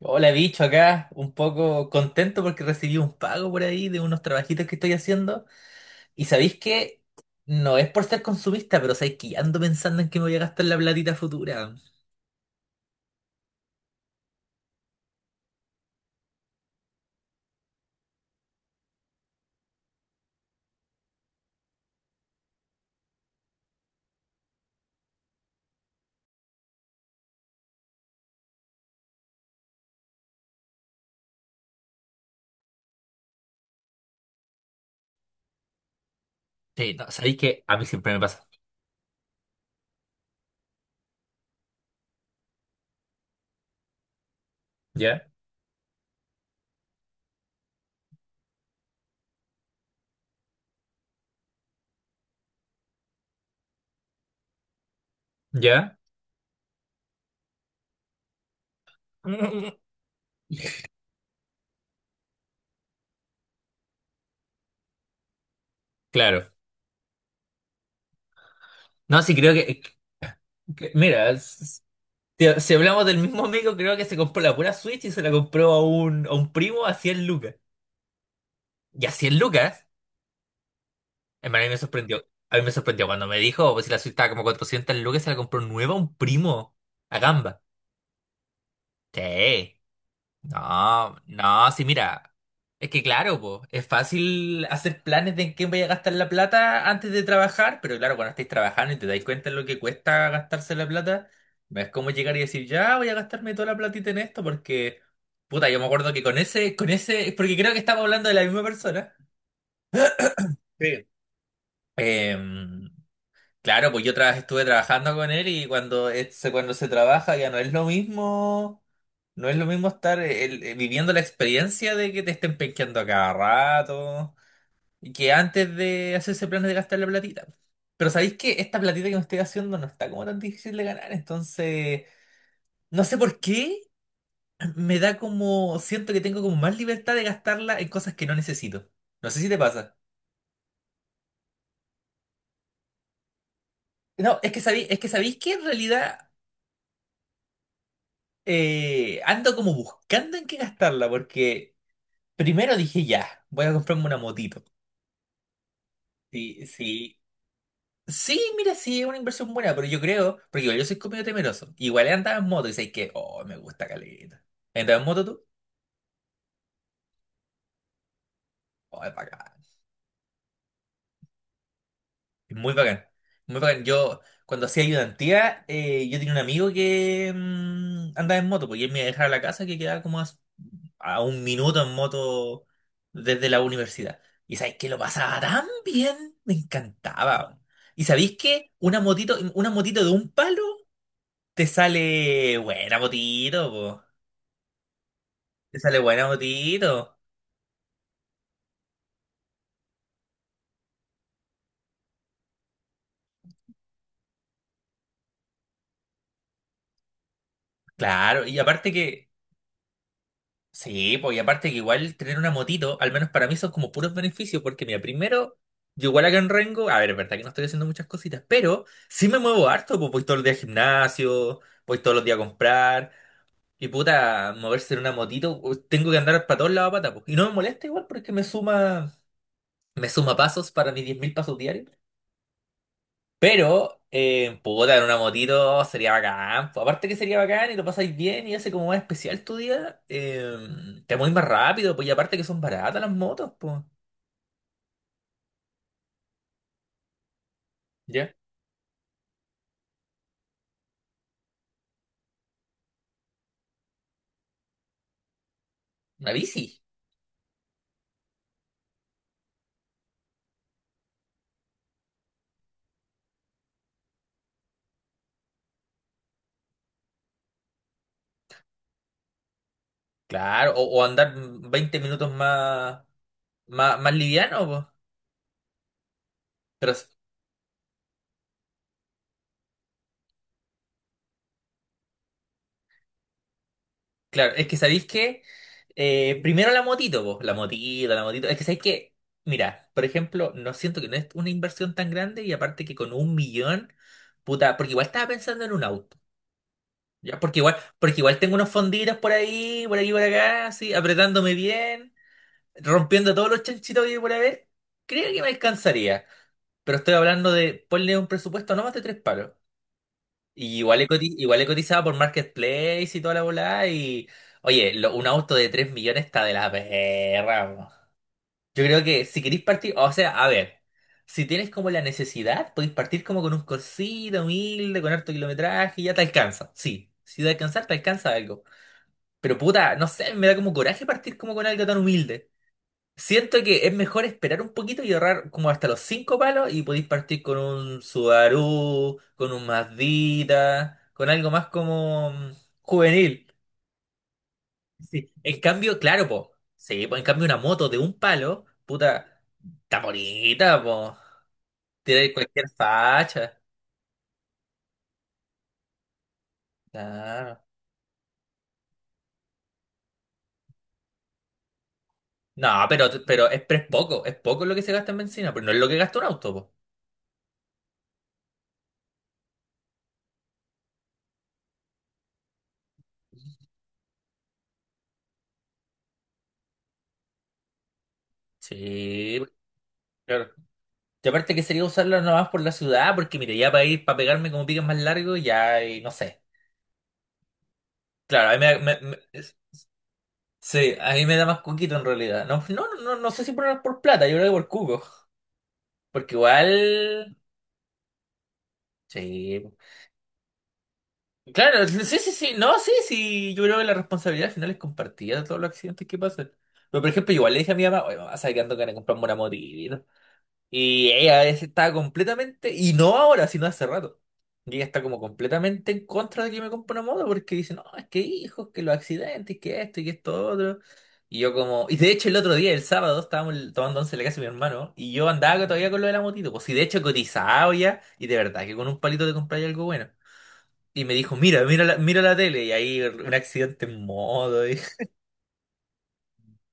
Hola, bicho, acá un poco contento porque recibí un pago por ahí de unos trabajitos que estoy haciendo. Y sabéis que no es por ser consumista, pero sabéis que ya ando pensando en que me voy a gastar la platita futura. Sí, no, sabéis que a mí siempre me pasa. ¿Ya? ¿Ya? Claro. No, sí, creo que, mira, si hablamos del mismo amigo, creo que se compró la pura Switch y se la compró a un primo a 100 lucas. ¿Y a 100 lucas? En verdad, a mí me sorprendió. A mí me sorprendió cuando me dijo, pues si la suite estaba como 400 lucas, se la compró nueva a un primo. A gamba. Sí. No, no, sí, mira. Es que claro, pues, es fácil hacer planes de en qué voy a gastar la plata antes de trabajar, pero claro, cuando estáis trabajando y te dais cuenta de lo que cuesta gastarse la plata, no es como llegar y decir, ya voy a gastarme toda la platita en esto, porque, puta, yo me acuerdo que con ese, porque creo que estamos hablando de la misma persona. Sí. Eh, Claro, pues yo estuve trabajando con él y cuando, cuando se trabaja ya no es lo mismo, no es lo mismo estar viviendo la experiencia de que te estén penqueando a cada rato y que antes de hacerse planes de gastar la platita. Pero sabéis que esta platita que me estoy haciendo no está como tan difícil de ganar, entonces no sé por qué me da como, siento que tengo como más libertad de gastarla en cosas que no necesito. No sé si te pasa. No, es que sabéis que en realidad ando como buscando en qué gastarla, porque primero dije ya, voy a comprarme una motito. Sí, sí. Sí, mira, sí, es una inversión buena, pero yo creo, porque igual yo soy comido temeroso. Igual he andado en moto y sé que, oh, me gusta caleta. ¿Has andado en moto tú? Oh, es bacán. Es muy bacán. Muy bacán. Yo, cuando hacía ayudantía, yo tenía un amigo que andaba en moto, porque él me iba a dejar a la casa que quedaba como a un minuto en moto desde la universidad. Y sabéis que lo pasaba tan bien, me encantaba, weón. Y sabéis que una motito de un palo te sale buena motito, po. Te sale buena motito. Claro, y aparte que, sí, pues, y aparte que igual tener una motito, al menos para mí son como puros beneficios, porque mira, primero, yo igual acá en Rengo, a ver, es verdad que no estoy haciendo muchas cositas, pero sí me muevo harto, pues voy todos los días al gimnasio, voy todos los días a comprar. Y puta, moverse en una motito, tengo que andar para todos lados a pata, po. Y no me molesta igual porque me suma pasos para mis 10.000 pasos diarios. Pero, puta, en una motito sería bacán, po. Aparte que sería bacán y lo pasáis bien y hace como más especial tu día, te mueves más rápido, pues y aparte que son baratas las motos, pues. ¿Ya? Una bici, claro. O andar 20 minutos más, más liviano, pues. Pero claro, es que sabéis que primero la motito, vos, la motito, la motito. Es que sabéis que, mira, por ejemplo, no siento que no es una inversión tan grande y aparte que con un millón, puta, porque igual estaba pensando en un auto, ¿ya? Porque igual tengo unos fonditos por ahí, por aquí, por acá, así, apretándome bien, rompiendo todos los chanchitos que hay por haber. Creo que me alcanzaría, pero estoy hablando de ponle un presupuesto no más de tres palos. Y igual he, igual he cotizado por Marketplace y toda la volada. Y oye, un auto de 3 millones está de la perra, po. Yo creo que si queréis partir, o sea, a ver, si tienes como la necesidad, podéis partir como con un corsito humilde, con harto kilometraje y ya te alcanza. Sí, si de alcanzar, te alcanza algo. Pero puta, no sé, me da como coraje partir como con algo tan humilde. Siento que es mejor esperar un poquito y ahorrar como hasta los cinco palos y podéis partir con un Subaru, con un Mazdita, con algo más como juvenil. Sí. En cambio, claro, po. Sí, po, en cambio una moto de un palo, puta, está bonita, po. Tiene cualquier facha. Claro. No, pero, pero es poco lo que se gasta en benzina, pero no es lo que gasta un auto, po. Sí, claro. Y aparte que sería usarla nomás por la ciudad, porque mire, ya para ir, para pegarme como piques más largos, ya, y no sé. Claro, a mí sí, a mí me da más cuquito en realidad. No, no, no, no sé si por, por plata, yo creo que por cuco. Porque igual, sí. Claro, sí, sí, sí, no, sí, sí, yo creo que la responsabilidad al final es compartida de todos los accidentes que pasan. Pero por ejemplo, igual le dije a mi mamá, oye, mamá, ¿sabes que ando ganas de comprarme una motito? Y ella estaba completamente, y no ahora, sino hace rato. Y ella está como completamente en contra de que me compre una moto porque dice, no, es que hijos, que los accidentes, que esto y que esto otro. Y yo como, y de hecho el otro día, el sábado, estábamos tomando once en la casa de mi hermano y yo andaba todavía con lo de la motito. Pues sí, de hecho he cotizado ya y de verdad que con un palito te compráis algo bueno. Y me dijo, mira, mira la tele y ahí un accidente en moto. Y,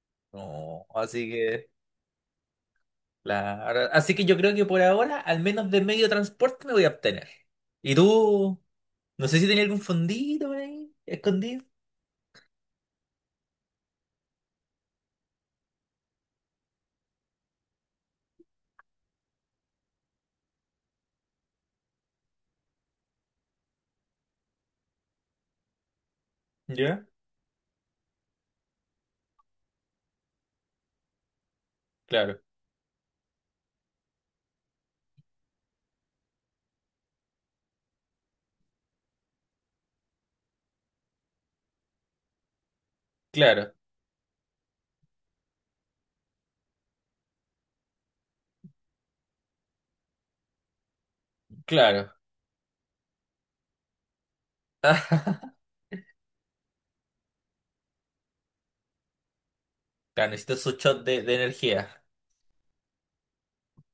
no, así que... Claro. Así que yo creo que por ahora, al menos de medio de transporte, me voy a obtener. ¿Y tú? No sé si tenía algún fondito por ahí, escondido. ¿Ya? Claro, claro, claro. Claro, necesito su shot de energía.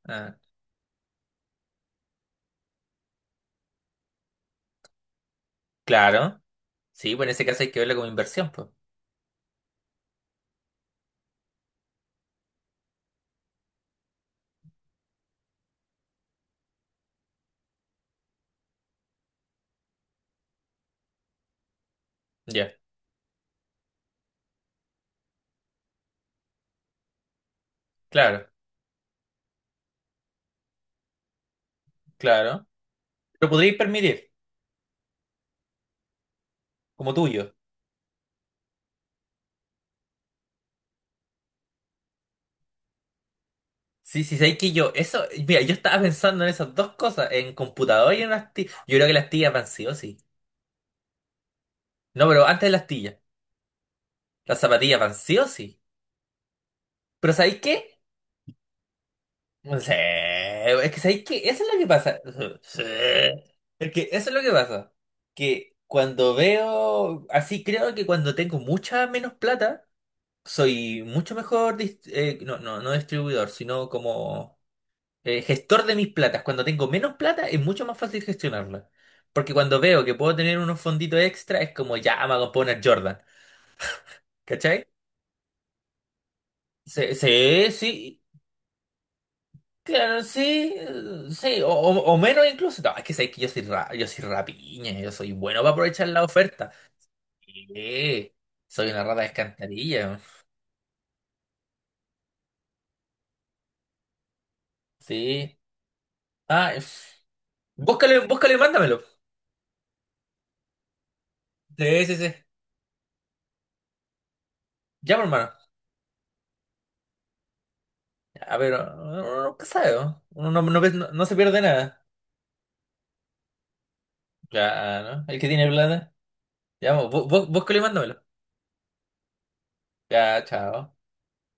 Ah, claro. Sí, pues en ese caso hay que verlo como inversión, pues. Ya, claro, claro. Lo podríais permitir, como tuyo. Sí, sí, sabéis que yo, eso, mira, yo estaba pensando en esas dos cosas, en computador y en las tías. Yo creo que las tías van sí o sí. No, pero antes de las Las zapatillas van sí o sí. Pero ¿sabéis qué? No sé. Es que ¿sabéis qué? Eso es lo que pasa. Sí. Es que eso es lo que pasa. Que cuando veo, así creo que cuando tengo mucha menos plata, soy mucho mejor, no, no, no distribuidor, sino como gestor de mis platas. Cuando tengo menos plata es mucho más fácil gestionarla. Porque cuando veo que puedo tener unos fonditos extra, es como ya me voy a poner Jordan. ¿Cachai? Sí, sí, sí. Claro, sí, sí, o, o menos incluso. No, es que sabéis que yo soy, yo soy rapiña, yo soy bueno para aprovechar la oferta. Sí, soy una rata de alcantarilla. Sí. Ah, búscale, búscale y mándamelo. Sí, sí, sí. Ya, pues, hermano. A ver, uno nunca sabe, ¿no? Uno no, no, no se pierde nada. Ya, ¿no? El que tiene plata. Ya, búscalo y mándamelo. Ya, chao.